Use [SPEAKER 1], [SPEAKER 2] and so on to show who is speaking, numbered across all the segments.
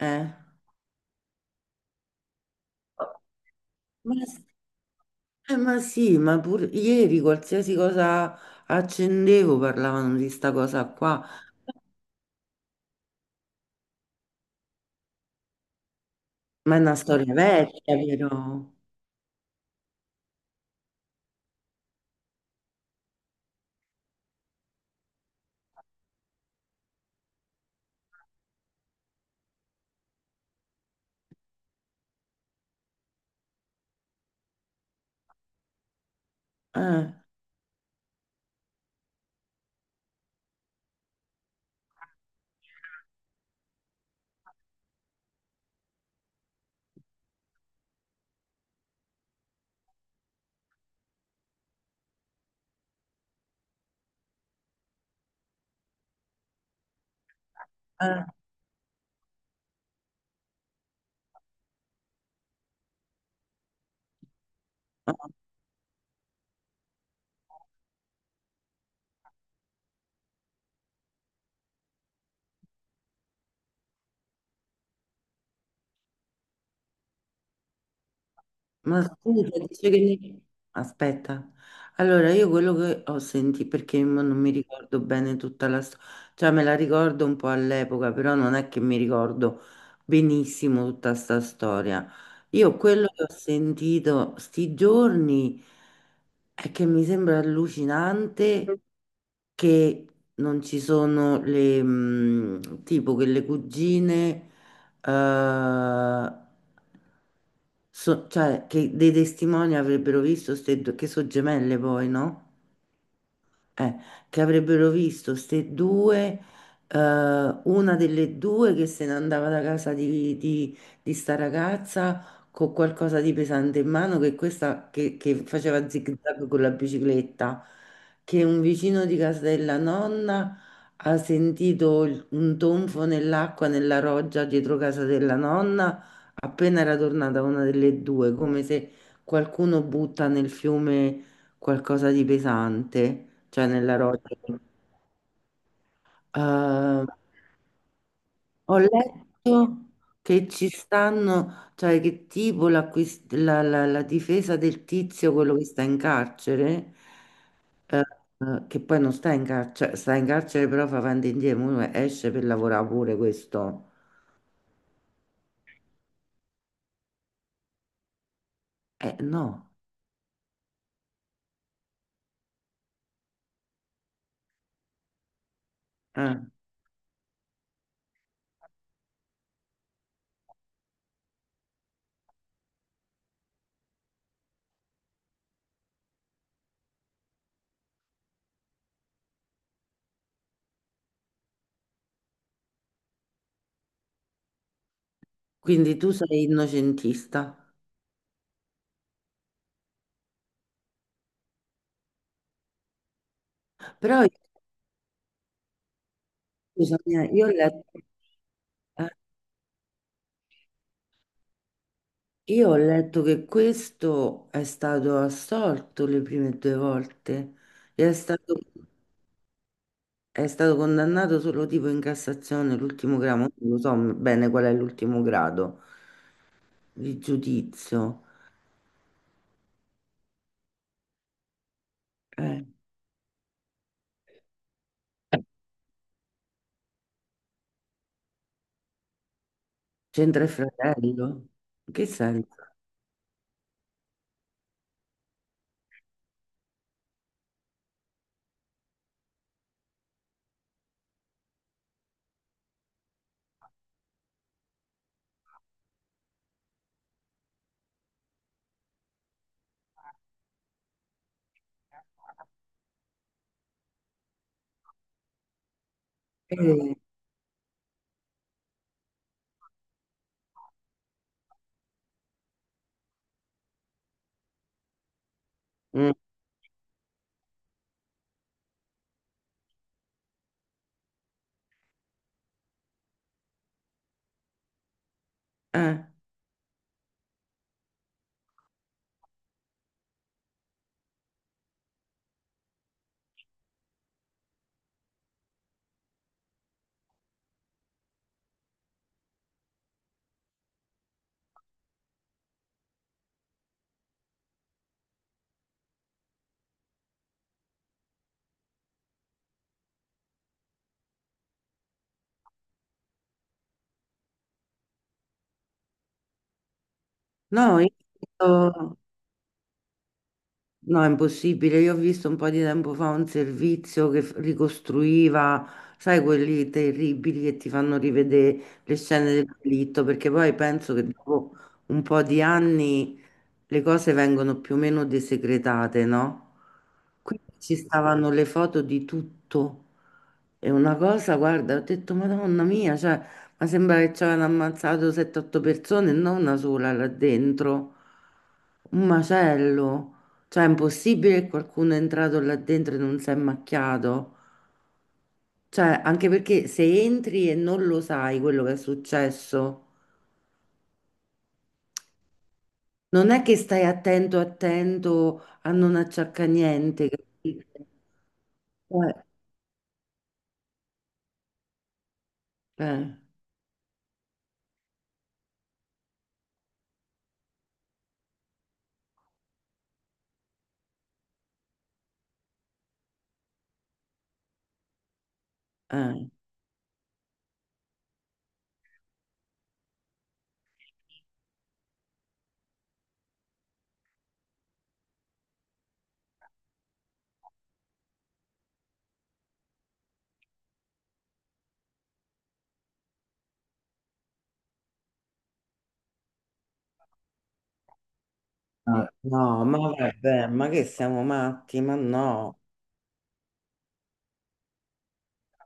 [SPEAKER 1] Eh. Ma, s- ma sì, ma pur ieri qualsiasi cosa accendevo parlavano di sta cosa qua, ma è una storia vecchia, però. Eh, eh, ma scusa, aspetta, allora io quello che ho sentito, perché mo non mi ricordo bene tutta la storia, cioè me la ricordo un po' all'epoca, però non è che mi ricordo benissimo tutta sta storia. Io quello che ho sentito sti giorni... È che mi sembra allucinante che non ci sono le, tipo che le cugine, eh, cioè che dei testimoni avrebbero visto ste che sono gemelle poi, no? eh, che avrebbero visto ste due, una delle due che se ne andava da casa di sta ragazza con qualcosa di pesante in mano, che questa che faceva zig-zag con la bicicletta, che un vicino di casa della nonna ha sentito un tonfo nell'acqua nella roggia dietro casa della nonna appena era tornata una delle due, come se qualcuno butta nel fiume qualcosa di pesante cioè nella roccia. Eh, ho letto che ci stanno, cioè che tipo la difesa del tizio, quello che sta in carcere, eh, che poi non sta in carcere, sta in carcere però fa avanti e indietro, mo esce per lavorare pure questo. Eh no, eh. Quindi tu sei innocentista. Però scusami, io ho letto... Eh, io ho letto che questo è stato assolto le prime due volte e è stato, è stato condannato solo tipo in Cassazione, l'ultimo grado, non lo so bene qual è l'ultimo grado di giudizio. Eh, c'entra il fratello? In che senso? Eh, mm, eh. No, io... No, è impossibile. Io ho visto un po' di tempo fa un servizio che ricostruiva, sai, quelli terribili che ti fanno rivedere le scene del delitto, perché poi penso che dopo un po' di anni le cose vengono più o meno desecretate, no? Quindi ci stavano le foto di tutto. E una cosa, guarda, ho detto, Madonna mia, cioè, ma sembra che ci avevano ammazzato 7-8 persone, e non una sola là dentro. Un macello. Cioè, è impossibile che qualcuno è entrato là dentro e non si è macchiato. Cioè, anche perché se entri e non lo sai quello che è successo, non è che stai attento, attento a non acciaccare niente, capito? Eh, eh, eh. Ah, no, ma vabbè, ma che siamo matti? Ma no,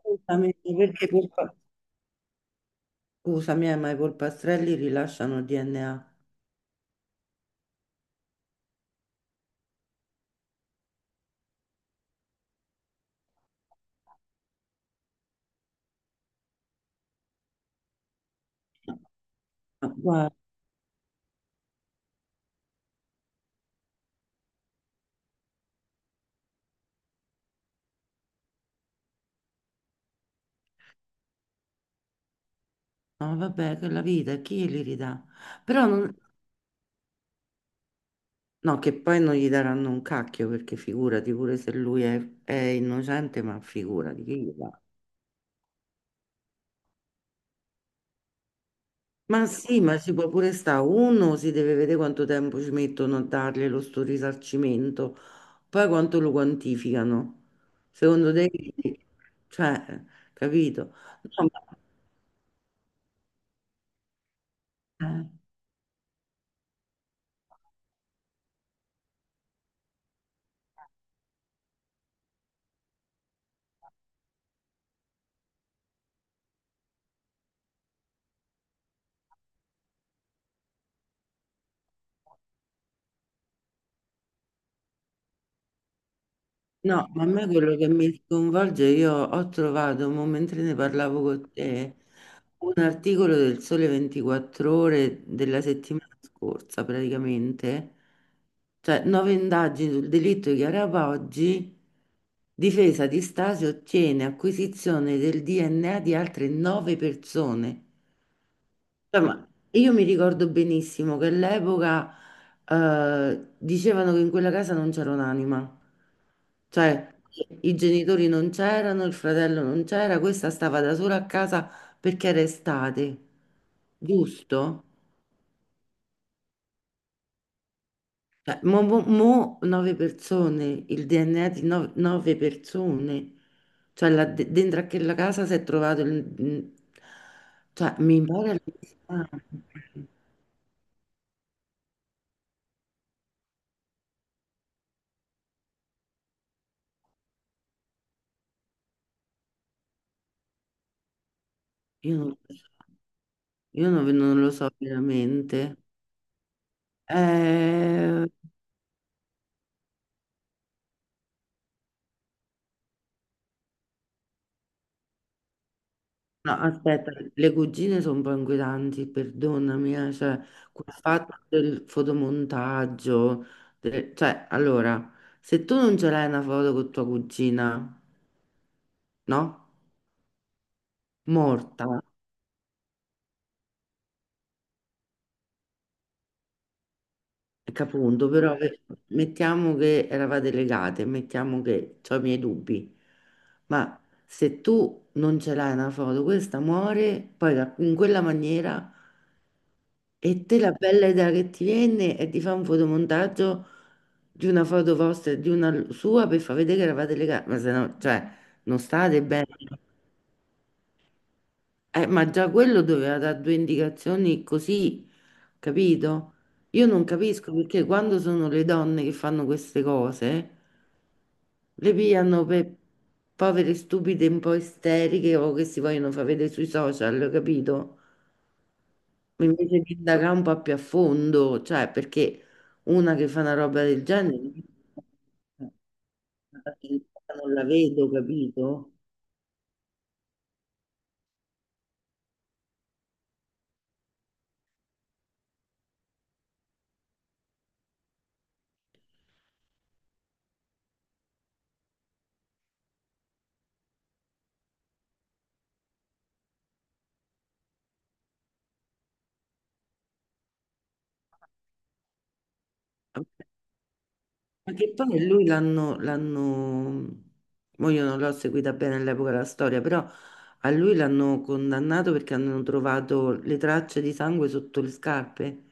[SPEAKER 1] Scusami, perché colpa... Scusami, ma i polpastrelli rilasciano DNA. Ma guarda, no, vabbè, che la vita, chi li ridà? Però non- no, che poi non gli daranno un cacchio, perché figurati, pure se è innocente, ma figurati, chi gli dà? Ma sì, ma ci può pure stare. Uno si deve vedere quanto tempo ci mettono a dargli lo sto risarcimento, poi quanto lo quantificano. Secondo te, cioè, capito? No, ma- eh. No, ma a me quello che mi sconvolge, io ho trovato, mo mentre ne parlavo con te, un articolo del Sole 24 Ore della settimana scorsa, praticamente, cioè nove indagini sul delitto di Chiara Poggi, difesa di Stasi ottiene acquisizione del DNA di altre nove persone. Cioè, ma io mi ricordo benissimo che all'epoca dicevano che in quella casa non c'era un'anima, cioè i genitori non c'erano, il fratello non c'era, questa stava da sola a casa perché era estate, giusto? Cioè, mo nove persone, il DNA di nove persone, cioè là dentro a quella casa si è trovato il... Cioè, mi pare... allucinante. Io non lo so. Io non lo so veramente. Eh, no, aspetta, le cugine sono un po' inquietanti, perdonami, cioè, quel fatto del fotomontaggio, cioè, allora, se tu non ce l'hai una foto con tua cugina, no? Morta, che appunto, mettiamo che eravate legate, mettiamo che ho i miei dubbi, ma se tu non ce l'hai una foto, questa muore, in quella maniera... E te la bella idea che ti viene è di fare un fotomontaggio di una foto vostra e di una sua per far vedere che eravate legati, ma se no, cioè, non state bene. Ma già quello doveva dare due indicazioni così, capito? Io non capisco perché quando sono le donne che fanno queste cose, le pigliano per povere stupide un po' isteriche o che si vogliono far vedere sui social, capito? Invece di indagare un po' più a fondo, cioè perché una che fa una roba del genere non la vedo, capito? Ma che poi l'hanno, mo io non l'ho seguita bene all'epoca la storia, però a lui l'hanno condannato perché hanno trovato le tracce di sangue sotto le scarpe.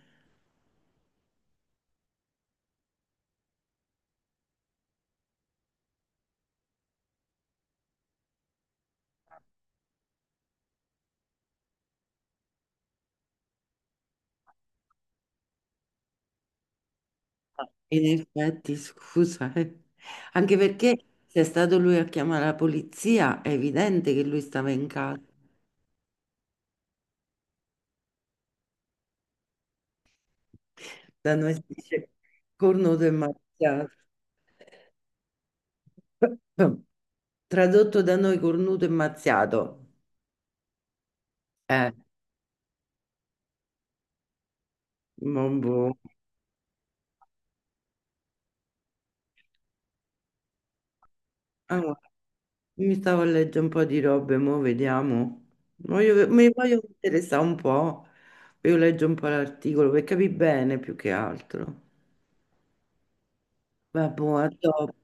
[SPEAKER 1] In effetti, scusa, eh. Anche perché se è stato lui a chiamare la polizia, è evidente che lui stava in casa. Da noi si dice cornuto e mazziato. Tradotto da noi cornuto e mazziato. Eh, mon boh. Ah, mi stavo a leggere un po' di robe, mo vediamo. Mi voglio interessare un po'. Io leggo un po' l'articolo per capire bene più che altro. Vabbè, boh, a dopo.